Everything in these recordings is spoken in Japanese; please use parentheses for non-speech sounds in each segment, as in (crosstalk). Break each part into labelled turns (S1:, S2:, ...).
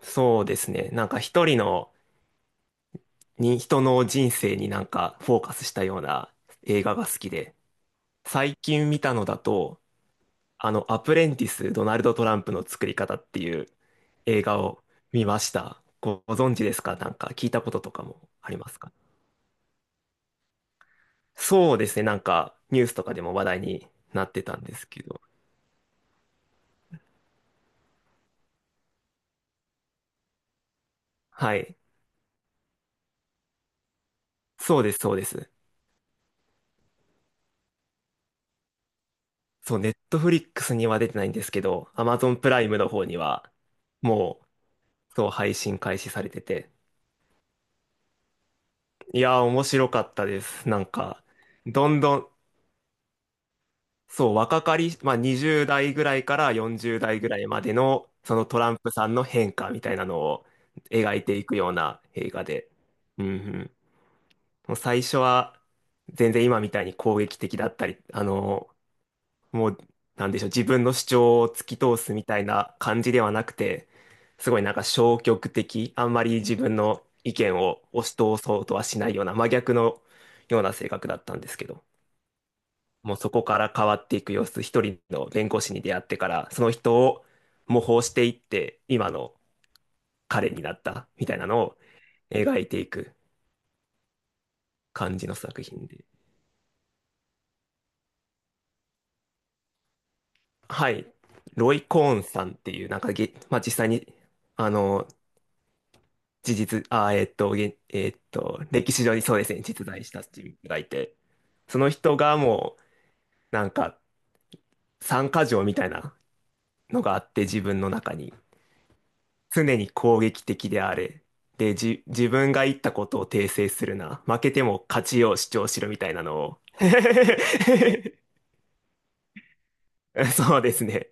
S1: そうですね。一人の人の人生にフォーカスしたような映画が好きで、最近見たのだと、アプレンティス・ドナルド・トランプの作り方っていう映画を見ました。ご存知ですか？なんか聞いたこととかもありますか？そうですね。なんかニュースとかでも話題になってたんですけど。はい。そうです、そうです。そう、ネットフリックスには出てないんですけど、アマゾンプライムの方には、もう、そう、配信開始されてて、いやー、面白かったです。なんか、どんどん、そう、若かり、まあ、20代ぐらいから40代ぐらいまでの、そのトランプさんの変化みたいなのを描いていくような映画で。うんうん。もう最初は、全然今みたいに攻撃的だったり、もう、なんでしょう、自分の主張を突き通すみたいな感じではなくて、すごいなんか消極的、あんまり自分の意見を押し通そうとはしないような真逆のような性格だったんですけど、もうそこから変わっていく様子、一人の弁護士に出会ってから、その人を模倣していって、今の彼になったみたいなのを描いていく感じの作品で。はい。ロイ・コーンさんっていう、なんかげ、まあ、実際に、あの、事実、あー、えっと、げんえっと、歴史上にそうですね、実在した人物がいて、その人がもう、なんか、三箇条みたいなのがあって、自分の中に。常に攻撃的であれ。で、自分が言ったことを訂正するな。負けても勝ちを主張しろみたいなのを。(laughs) そうですね。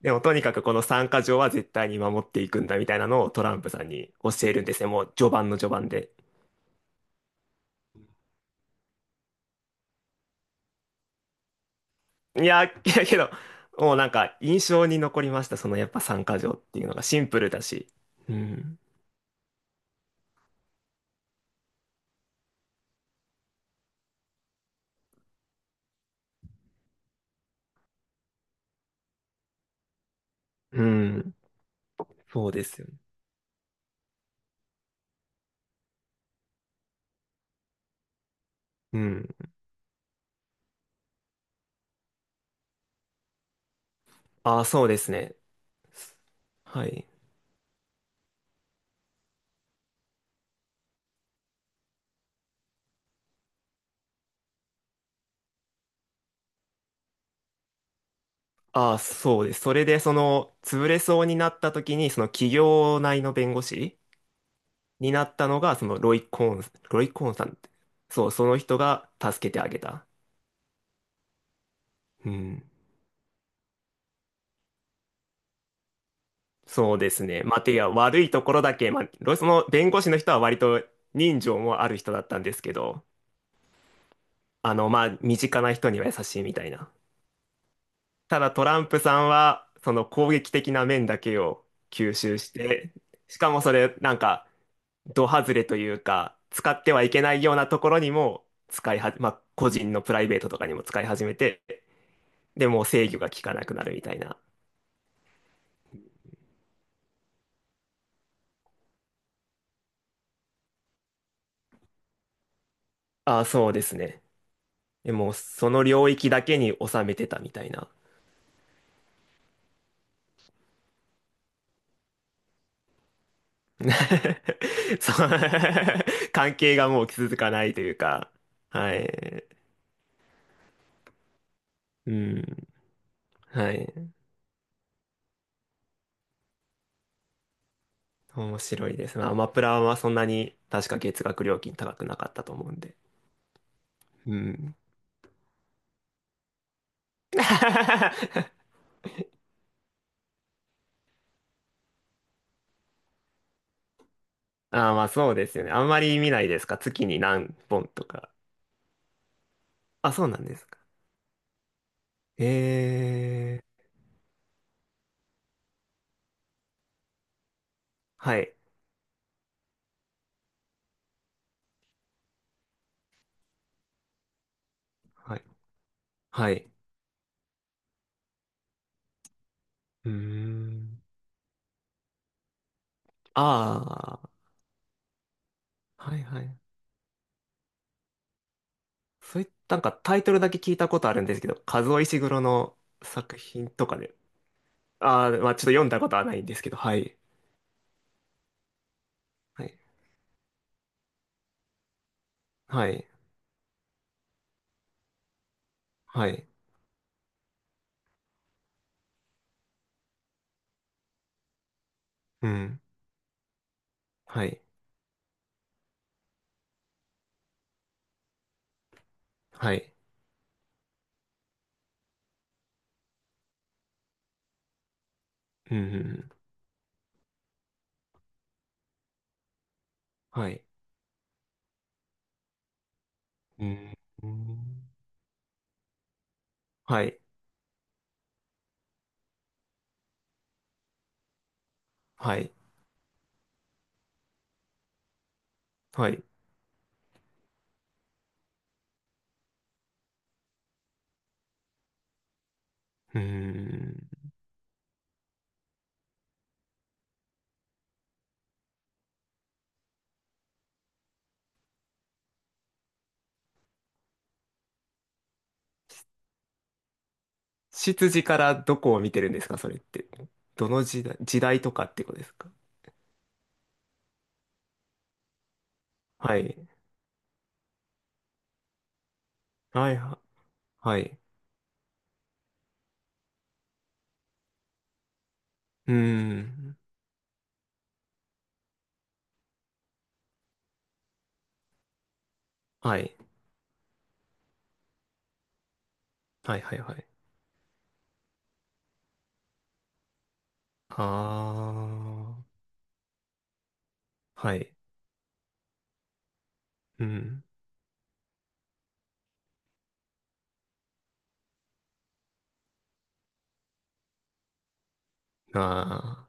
S1: でも、とにかくこの三箇条は絶対に守っていくんだみたいなのをトランプさんに教えるんですね。もう序盤の序盤で。いや、いやけど、もうなんか印象に残りました。そのやっぱ参加条っていうのがシンプルだし。うん。うん。そうですよね。うん。ああ、そうですね。はい。ああ、そうです。それでその潰れそうになった時に、その企業内の弁護士になったのが、そのロイ・コーン、ロイ・コーンさんって。そう、その人が助けてあげた。うん。そうですね。悪いところだけ、まあ、その弁護士の人は割と人情もある人だったんですけど、まあ、身近な人には優しいみたいな。ただトランプさんは、その攻撃的な面だけを吸収して、しかもそれ、なんか、ド外れというか、使ってはいけないようなところにも使いは、まあ、個人のプライベートとかにも使い始めて、でもう制御が効かなくなるみたいな。ああ、そうですね。でも、その領域だけに収めてたみたいな。(laughs) そう (laughs) 関係がもう続かないというか、はい。うん。はい。面白いです。まあ、アマプラはそんなに確か月額料金高くなかったと思うんで。うん。(laughs) ああ、まあそうですよね。あんまり見ないですか？月に何本とか。あ、そうなんですか？ええはい。はい。はい。うーん。ああ、はいはい。そういった、なんかタイトルだけ聞いたことあるんですけど、カズオ・イシグロの作品とかで。ああ、まあちょっと読んだことはないんですけど、はい。はい。はい。はい。うん。はい。はい。うんうんうん。はい。うん。うんはい。はい。はい。うーん。執事からどこを見てるんですか、それって？どの時代、時代とかってことですか？はい。はい。ははい。うーん。はい。はい。はい。はい。あー。はい。うん。あ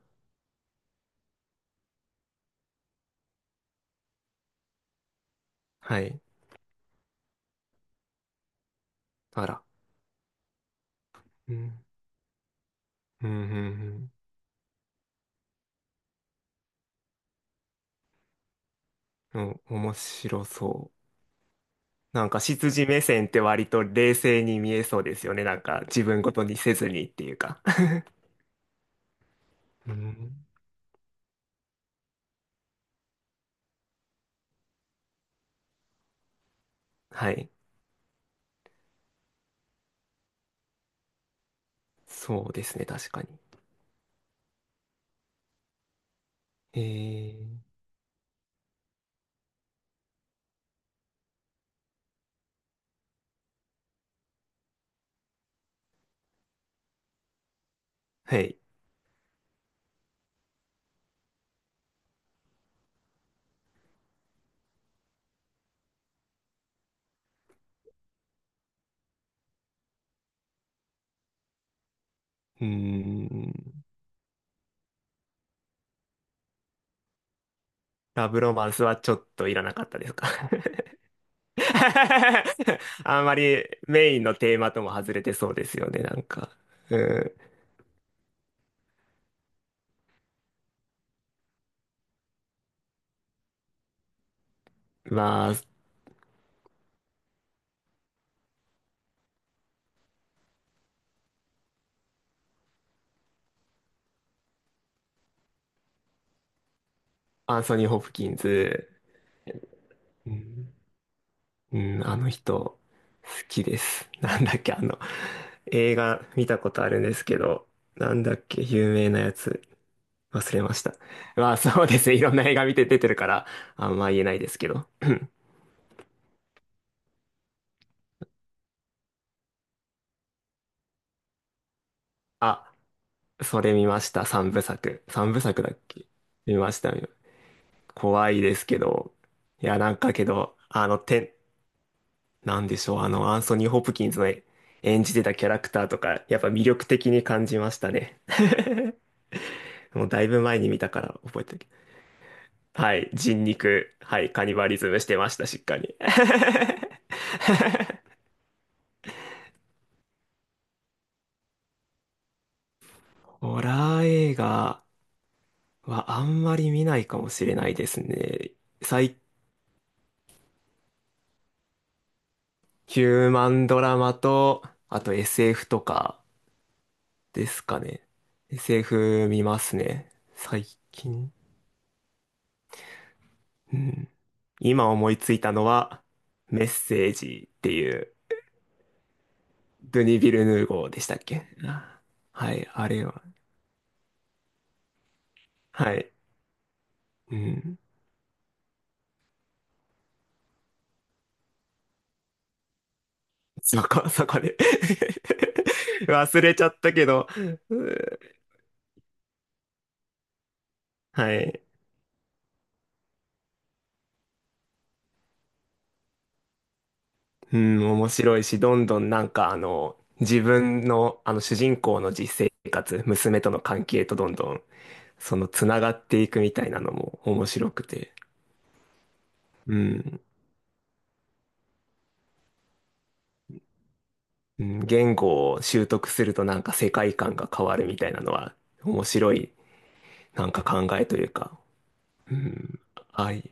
S1: ー。はい。あら。うん。うん。うん。うん。お面白そう。なんか執事目線って割と冷静に見えそうですよね。なんか自分ごとにせずにっていうか。うん。はい。そうですね、確かに。えー、はい。うーん。ラブロマンスはちょっといらなかったですか？ (laughs) あんまりメインのテーマとも外れてそうですよね、なんか。うん。まあ、アンソニー・ホプキンズ。うんうん、あの人、好きです。(laughs) なんだっけ、あの、映画見たことあるんですけど、なんだっけ、有名なやつ、忘れました。まあ、そうですね。いろんな映画見て出てるから、あんま言えないですけど。(clears throat) あ、それ見ました。三部作。三部作だっけ？見ました。怖いですけど。いや、なんかけど、あの、て、なんでしょう。あの、アンソニー・ホプキンズの演じてたキャラクターとか、やっぱ魅力的に感じましたね。もうだいぶ前に見たから覚えてる。はい、人肉、はい、カニバリズムしてました、しっかり。(laughs) ホラー映画はあんまり見ないかもしれないですね。最ヒューマンドラマと、あと SF とかですかね。SF 見ますね。最近。うん。今思いついたのは、メッセージっていう、ドゥニ・ヴィルヌーゴーでしたっけ？あはい、あれは。はい。うん。そこ、坂で (laughs) 忘れちゃったけど、はい。うん、面白いし、どんどんなんかあの、自分のあの主人公の実生活、娘との関係とどんどん、そのつながっていくみたいなのも面白くて、うん、うん、言語を習得するとなんか世界観が変わるみたいなのは面白いなんか考えというか、うん、はい。